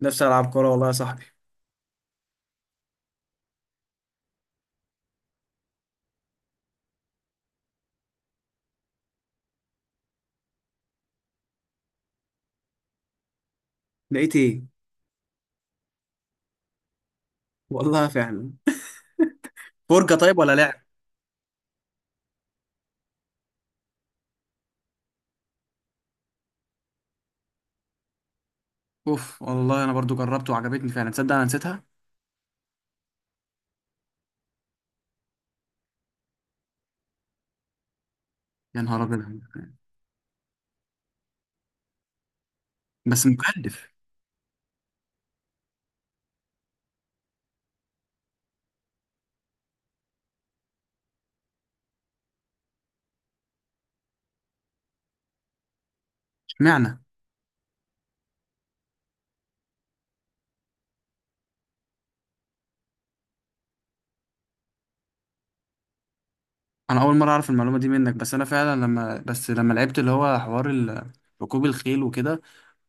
نفسي العب كوره، والله يا صاحبي. لقيت ايه؟ والله فعلا. فرجه طيب ولا لعب؟ اوف والله، انا برضو جربت وعجبتني فعلا. تصدق انا نسيتها. يا نهار ابيض. بس مكلف. اشمعنى؟ انا اول مره اعرف المعلومه دي منك، بس انا فعلا لما لعبت اللي هو حوار ركوب الخيل وكده.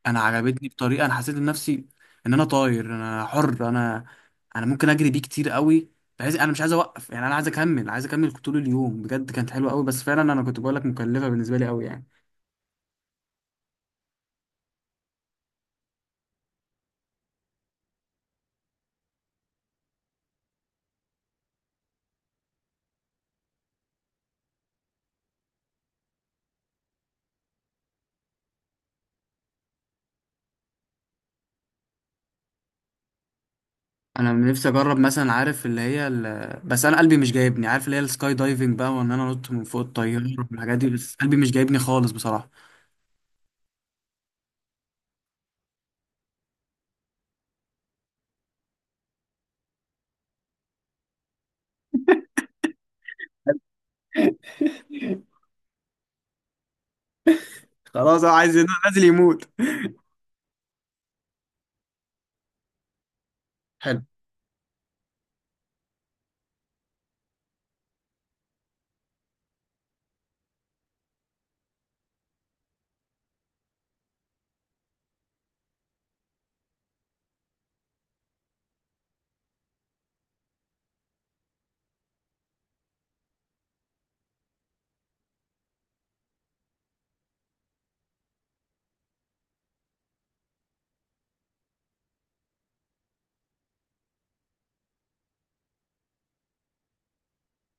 انا عجبتني بطريقه، انا حسيت إن نفسي ان انا طاير، انا حر، انا ممكن اجري بيه كتير قوي، بحيث انا مش عايز اوقف، يعني انا عايز اكمل عايز اكمل طول اليوم، بجد كانت حلوه قوي. بس فعلا انا كنت بقول لك مكلفه بالنسبه لي قوي يعني. انا نفسي اجرب مثلا، عارف اللي هي بس انا قلبي مش جايبني. عارف اللي هي السكاي دايفنج بقى، وان انا انط من فوق الطياره والحاجات دي، بس قلبي مش جايبني خالص بصراحه. خلاص انا عايز ينزل نازل يموت. حلو.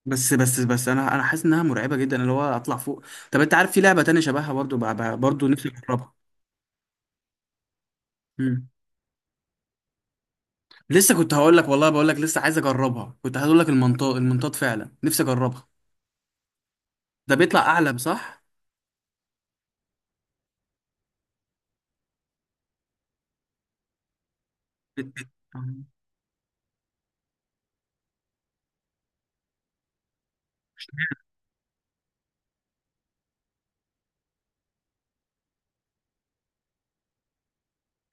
بس انا حاسس انها مرعبه جدا اللي هو اطلع فوق. طب انت عارف في لعبه تانية شبهها برضو برضو نفسي اجربها. مم. لسه كنت هقول لك والله، بقول لك لسه عايز اجربها، كنت هقول لك المنطاد، المنطاد فعلا نفسي اجربها. ده بيطلع اعلى صح؟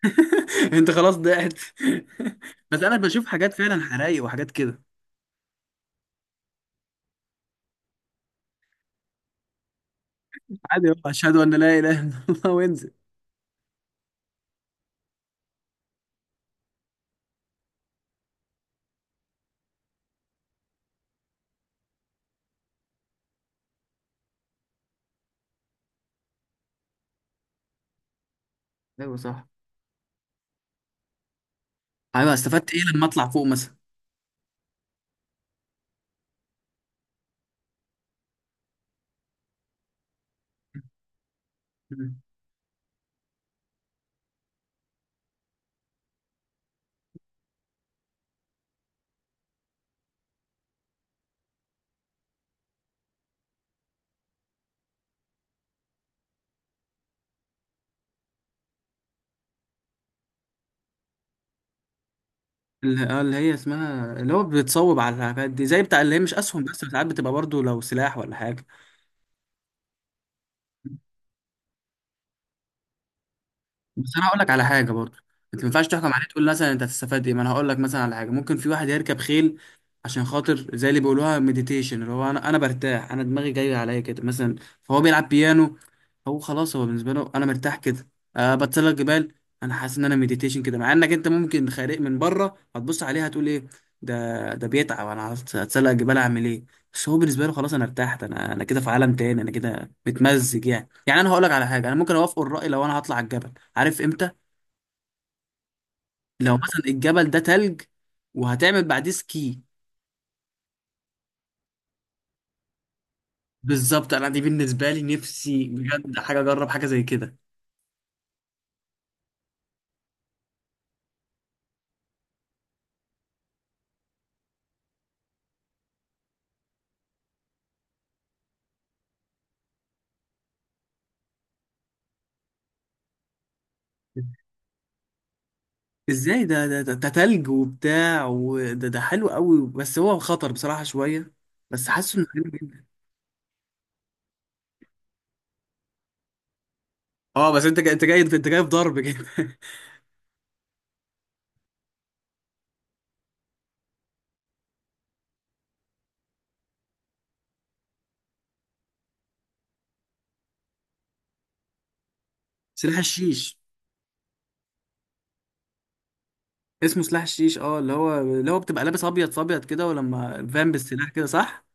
انت خلاص ضعت. بس انا بشوف حاجات فعلا حرايق وحاجات كده. عادي يابا، اشهد ان لا اله الا الله وانزل. ايوه صح. ايوه، استفدت ايه لما اطلع فوق مثلا؟ مم. اللي اللي هي اسمها اللي هو بتصوب على الحاجات دي زي بتاع، اللي هي مش اسهم، بس ساعات بتبقى برضو لو سلاح ولا حاجه. بس انا هقول لك على حاجه برضه، انت ما ينفعش تحكم عليه تقول مثلا انت هتستفاد ايه، ما انا هقول لك مثلا على حاجه، ممكن في واحد يركب خيل عشان خاطر زي اللي بيقولوها مديتيشن، اللي هو انا برتاح انا دماغي جايه عليا كده مثلا. فهو بيلعب بيانو، هو خلاص هو بالنسبه له انا مرتاح كده. أه بتسلق جبال، انا حاسس ان انا مديتيشن كده، مع انك انت ممكن خارق من بره هتبص عليها هتقول ايه؟ ده ده بيتعب، انا هتسلق جبال اعمل ايه؟ بس هو بالنسبه له خلاص انا ارتحت، انا كده في عالم تاني، انا كده متمزج، يعني انا هقول لك على حاجه. انا ممكن اوافق الراي لو انا هطلع الجبل، عارف امتى؟ لو مثلا الجبل ده تلج وهتعمل بعديه سكي. بالظبط، انا دي بالنسبه لي نفسي بجد حاجه اجرب حاجه زي كده. ازاي؟ ده، ده تلج وبتاع. وده ده حلو قوي، بس هو خطر بصراحه شويه، بس حاسه انه حلو جدا. اه، بس انت جاي انت جاي انت جاي في ضرب كده. سلاح الشيش. اسمه سلاح الشيش، اه، اللي هو اللي هو بتبقى لابس ابيض في ابيض كده، ولما فان بالسلاح كده صح.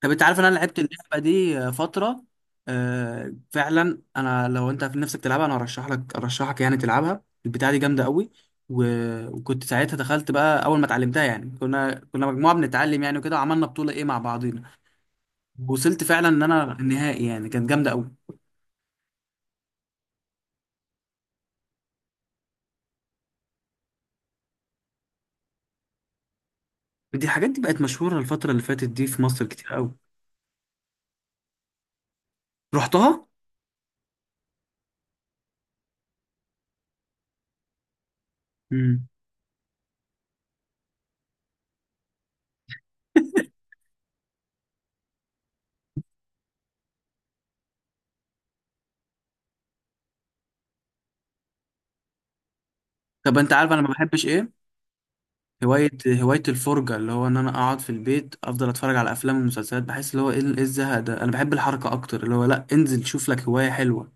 طب انت عارف ان انا لعبت اللعبه دي فتره؟ آه فعلا، انا لو انت في نفسك تلعبها، انا ارشح لك، ارشحك يعني تلعبها. البتاعه دي جامده قوي. و... وكنت ساعتها دخلت بقى اول ما اتعلمتها يعني، كنا مجموعه بنتعلم يعني وكده، وعملنا بطوله ايه مع بعضينا. وصلت فعلا ان انا النهائي، يعني كانت جامده قوي. دي الحاجات دي بقت مشهوره الفتره اللي فاتت دي في مصر كتير قوي. رحتها. امم. طب انت عارف انا ما بحبش ايه؟ هواية هواية الفرجة، اللي هو إن أنا أقعد في البيت أفضل أتفرج على أفلام ومسلسلات. بحس اللي هو إيه إيه الزهق ده. أنا بحب الحركة أكتر، اللي هو لأ انزل شوف لك هواية حلوة.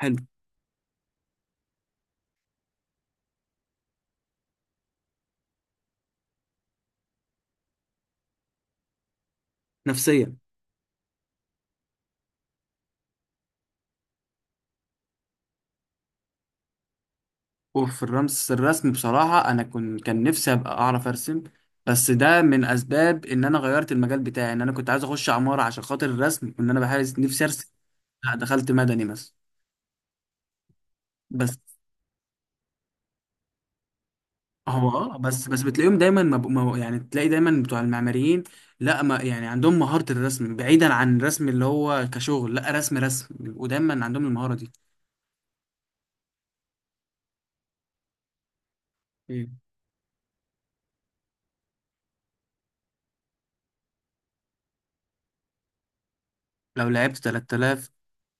حلو نفسيا. وفي الرمس الرسم بصراحة، أنا كنت كان نفسي أبقى أعرف أرسم. بس ده من أسباب إن أنا غيرت المجال بتاعي، إن أنا كنت عايز أخش عمارة عشان خاطر الرسم، وإن أنا بحارس نفسي أرسم. لأ دخلت مدني مثلا. بس هو اه، بس بتلاقيهم دايما يعني تلاقي دايما بتوع المعماريين، لا ما يعني عندهم مهارة الرسم بعيدا عن الرسم اللي هو كشغل. لا رسم رسم بيبقوا دايما عندهم المهارة دي. مم. لو لعبت 3000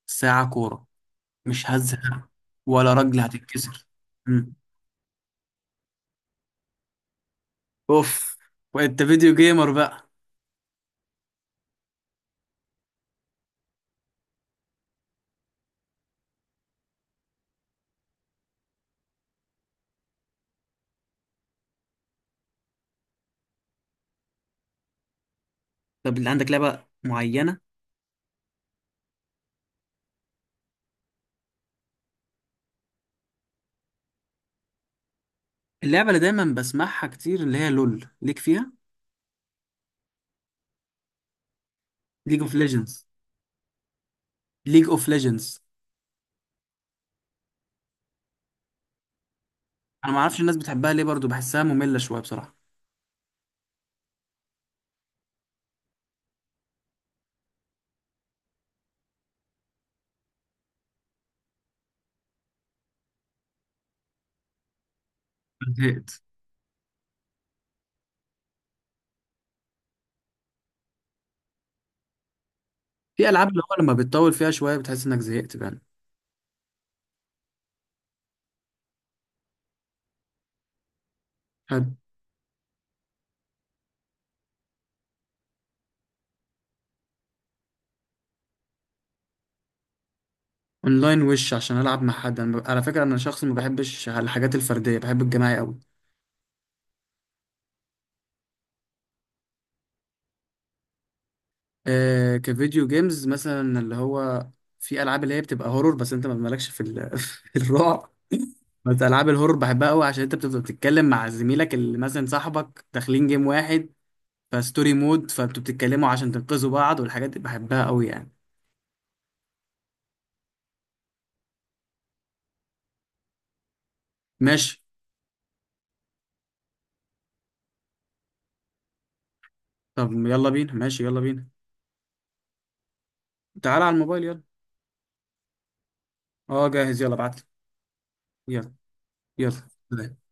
ساعة كورة مش هزهق، ولا رجل هتتكسر. مم. اوف وانت فيديو جيمر بقى. طب اللي عندك لعبة معينة؟ اللعبة اللي دايما بسمعها كتير اللي هي لول ليك فيها. ليج اوف ليجندز. ليج اوف ليجندز. انا ما اعرفش الناس بتحبها ليه برضو، بحسها مملة شوية بصراحة. زهقت. في العاب اللي هو لما بتطول فيها شويه بتحس انك زهقت بقى. حد. اونلاين، وش عشان العب مع حد. انا على فكره انا شخص ما بحبش الحاجات الفرديه، بحب الجماعي قوي. آه كفيديو جيمز مثلا اللي هو، في العاب اللي هي بتبقى هورور، بس انت ما مالكش في الرعب. بس العاب الهورور بحبها قوي، عشان انت بتبقى بتتكلم مع زميلك اللي مثلا صاحبك داخلين جيم واحد، فستوري مود فانتوا بتتكلموا عشان تنقذوا بعض والحاجات دي بحبها قوي يعني. ماشي. طب يلا بينا، ماشي يلا بينا. تعال على الموبايل يلا. اه جاهز، يلا ابعت لي. يلا. يلا. سلام.